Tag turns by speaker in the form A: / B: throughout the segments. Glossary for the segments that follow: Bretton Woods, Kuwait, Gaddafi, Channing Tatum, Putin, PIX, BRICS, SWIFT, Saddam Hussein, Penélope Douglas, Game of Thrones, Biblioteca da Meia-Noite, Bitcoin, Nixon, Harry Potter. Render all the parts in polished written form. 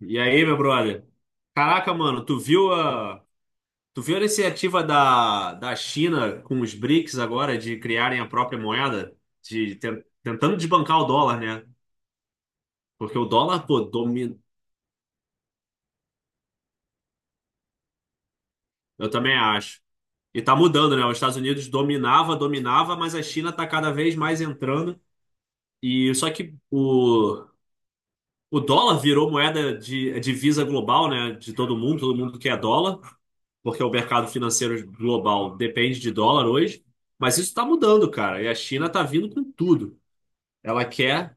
A: E aí, meu brother? Caraca, mano, tu viu a iniciativa da China com os BRICS agora de criarem a própria moeda? Tentando desbancar o dólar, né? Porque o dólar, pô, domina. Eu também acho. E tá mudando, né? Os Estados Unidos dominava, dominava, mas a China tá cada vez mais entrando. E só que o dólar virou moeda de a divisa global, né? De todo mundo quer dólar. Porque o mercado financeiro global depende de dólar hoje, mas isso está mudando, cara. E a China está vindo com tudo. Ela quer.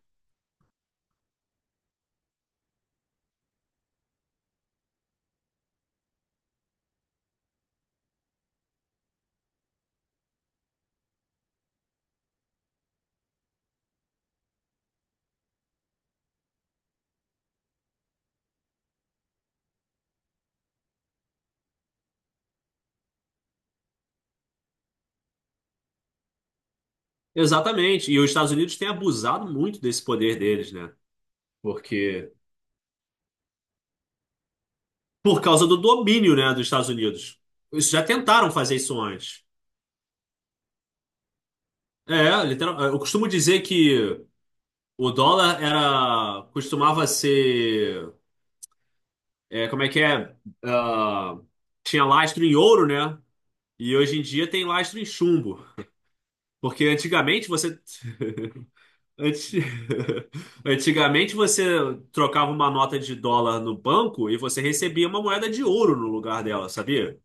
A: Exatamente. E os Estados Unidos têm abusado muito desse poder deles, né? Porque. Por causa do domínio, né, dos Estados Unidos. Eles já tentaram fazer isso antes. Eu costumo dizer que o dólar era. Costumava ser. Como é que é? Ah, tinha lastro em ouro, né? E hoje em dia tem lastro em chumbo. Porque antigamente você. Anti- Antigamente você trocava uma nota de dólar no banco e você recebia uma moeda de ouro no lugar dela, sabia?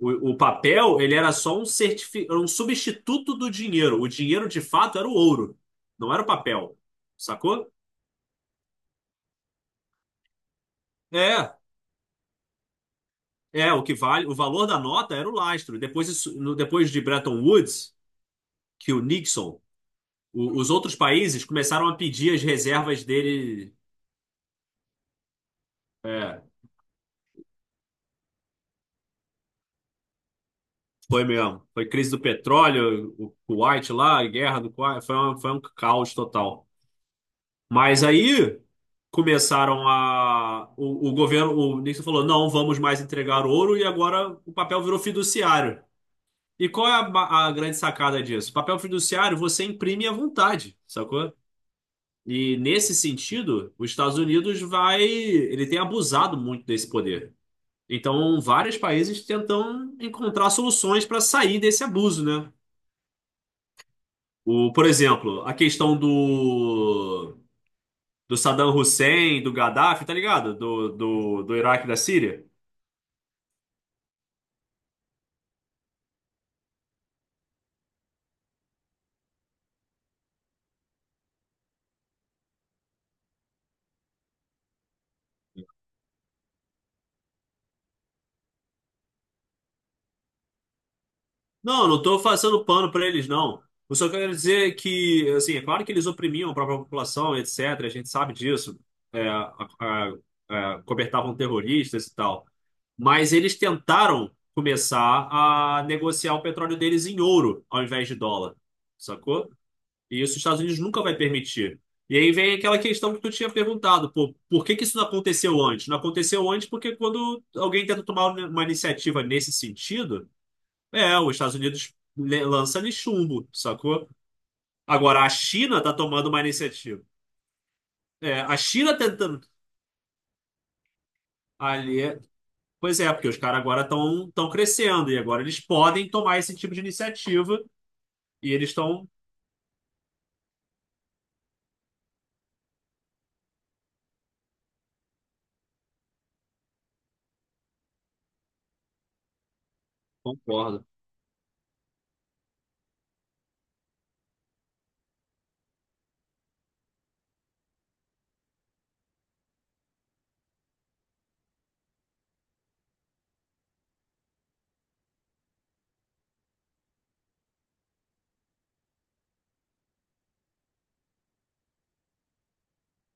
A: O papel, ele era só era um substituto do dinheiro. O dinheiro de fato era o ouro, não era o papel, sacou? É, o que vale, o valor da nota era o lastro. Depois, depois de Bretton Woods, que o Nixon, os outros países começaram a pedir as reservas dele. é, Foi mesmo. Foi crise do petróleo, o Kuwait lá, a guerra do Kuwait, foi um caos total. Mas aí começaram a. O governo, o Nixon falou: não, vamos mais entregar ouro, e agora o papel virou fiduciário. E qual é a grande sacada disso? Papel fiduciário você imprime à vontade, sacou? E nesse sentido, os Estados Unidos vai. Ele tem abusado muito desse poder. Então, vários países tentam encontrar soluções para sair desse abuso, né? Por exemplo, a questão do Saddam Hussein, do Gaddafi, tá ligado? Do Iraque e da Síria. Não, não tô passando pano pra eles, não. Eu só quero dizer que, assim, é claro que eles oprimiam a própria população, etc. A gente sabe disso. É, cobertavam terroristas e tal. Mas eles tentaram começar a negociar o petróleo deles em ouro ao invés de dólar. Sacou? E isso os Estados Unidos nunca vai permitir. E aí vem aquela questão que tu tinha perguntado, pô, por que que isso não aconteceu antes? Não aconteceu antes porque quando alguém tenta tomar uma iniciativa nesse sentido, os Estados Unidos lança ali chumbo, sacou? Agora a China tá tomando uma iniciativa. É, a China tentando ali, pois é, porque os caras agora estão crescendo e agora eles podem tomar esse tipo de iniciativa e eles estão, concordo.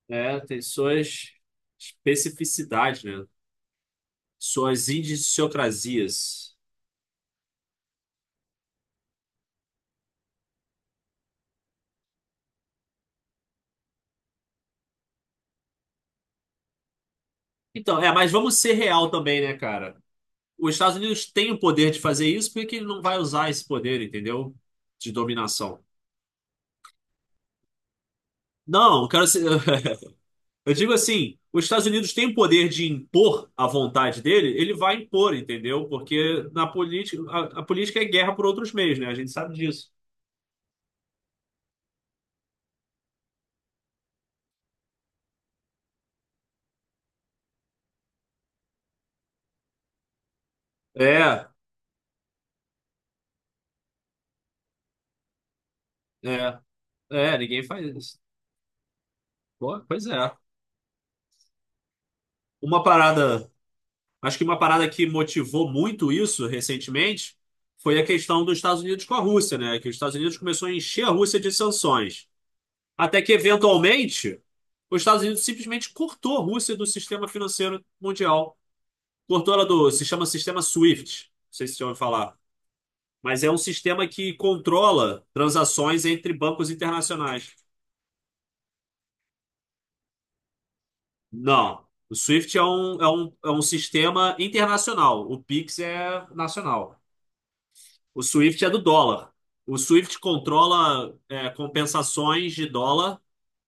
A: É, tem suas especificidades, né? Suas idiosincrasias. Então, mas vamos ser real também, né, cara? Os Estados Unidos têm o poder de fazer isso, por que que ele não vai usar esse poder, entendeu? De dominação. Não, eu quero ser... Eu digo assim, os Estados Unidos têm o poder de impor a vontade dele, ele vai impor, entendeu? Porque na política, a política é guerra por outros meios, né? A gente sabe disso. É, é, Ninguém faz isso. Pô, pois é. Uma parada Acho que uma parada que motivou muito isso recentemente foi a questão dos Estados Unidos com a Rússia, né? Que os Estados Unidos começou a encher a Rússia de sanções. Até que, eventualmente, os Estados Unidos simplesmente cortou a Rússia do sistema financeiro mundial. Cortou ela do... Se chama sistema SWIFT. Não sei se você ouviu falar. Mas é um sistema que controla transações entre bancos internacionais. Não. O SWIFT é um sistema internacional. O PIX é nacional. O Swift é do dólar. O Swift controla compensações de dólar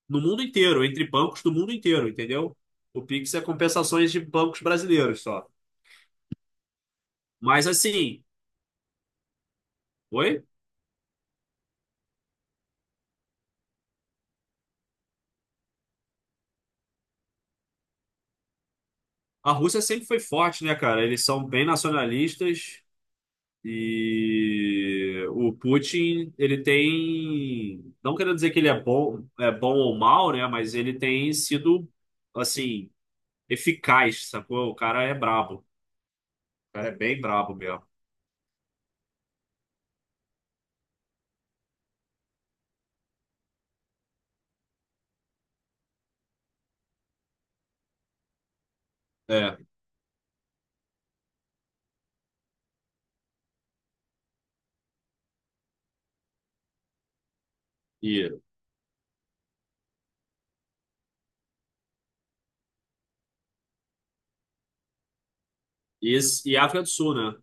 A: no mundo inteiro, entre bancos do mundo inteiro, entendeu? O Pix é compensações de bancos brasileiros só. Mas assim, oi? A Rússia sempre foi forte, né, cara? Eles são bem nacionalistas e o Putin, ele tem, não quero dizer que ele é bom ou mal, né? Mas ele tem sido assim eficaz, sacou? O cara é brabo. O cara é bem brabo mesmo. É. E, e África do Sul, né?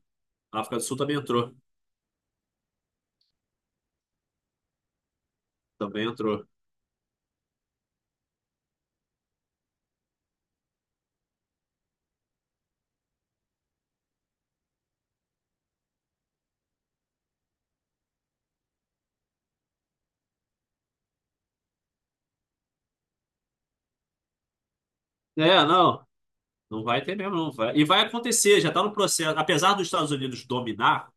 A: A África do Sul também entrou. Também entrou. É, não. Não vai ter mesmo, não. E vai acontecer, já tá no processo. Apesar dos Estados Unidos dominar,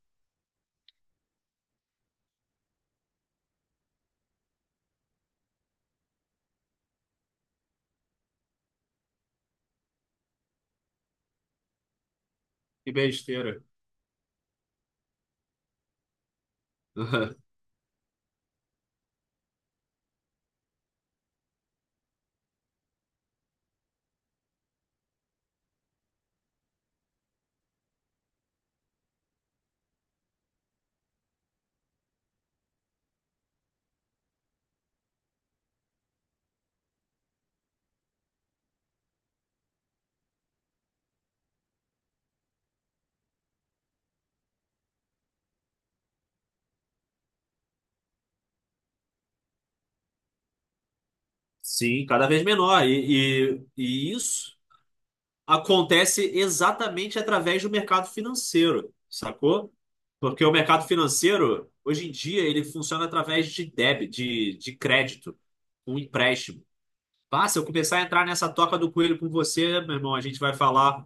A: que besteira. Sim, cada vez menor. E isso acontece exatamente através do mercado financeiro, sacou? Porque o mercado financeiro, hoje em dia, ele funciona através de débito, de crédito, um empréstimo. Pá, se eu começar a entrar nessa toca do coelho com você, meu irmão, a gente vai falar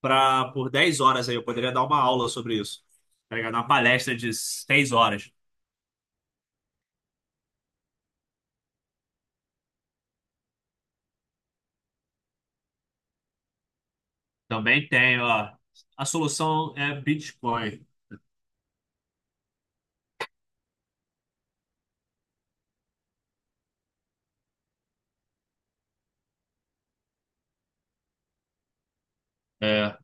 A: por 10 horas aí. Eu poderia dar uma aula sobre isso. Tá ligado? Uma palestra de 6 horas. Também tem, ó. A solução é Bitcoin. É,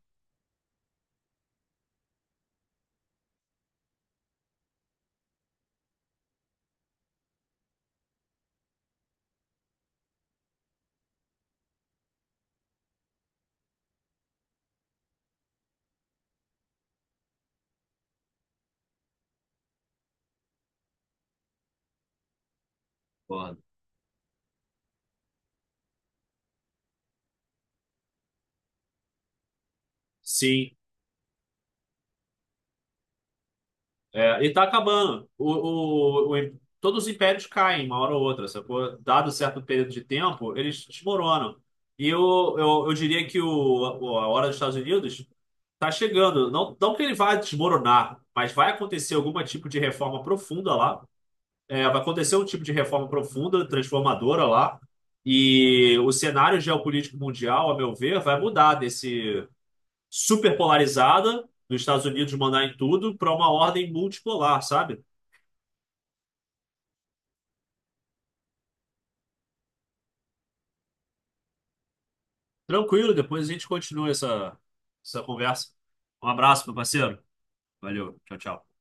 A: porra. Sim. É, e tá acabando. Todos os impérios caem, uma hora ou outra, sacou? Dado certo período de tempo, eles desmoronam. E eu diria que a hora dos Estados Unidos tá chegando. Não, não que ele vá desmoronar, mas vai acontecer algum tipo de reforma profunda lá. É, vai acontecer um tipo de reforma profunda, transformadora lá. E o cenário geopolítico mundial, a meu ver, vai mudar desse super polarizada dos Estados Unidos mandar em tudo para uma ordem multipolar, sabe? Tranquilo, depois a gente continua essa conversa. Um abraço, meu parceiro. Valeu, tchau, tchau.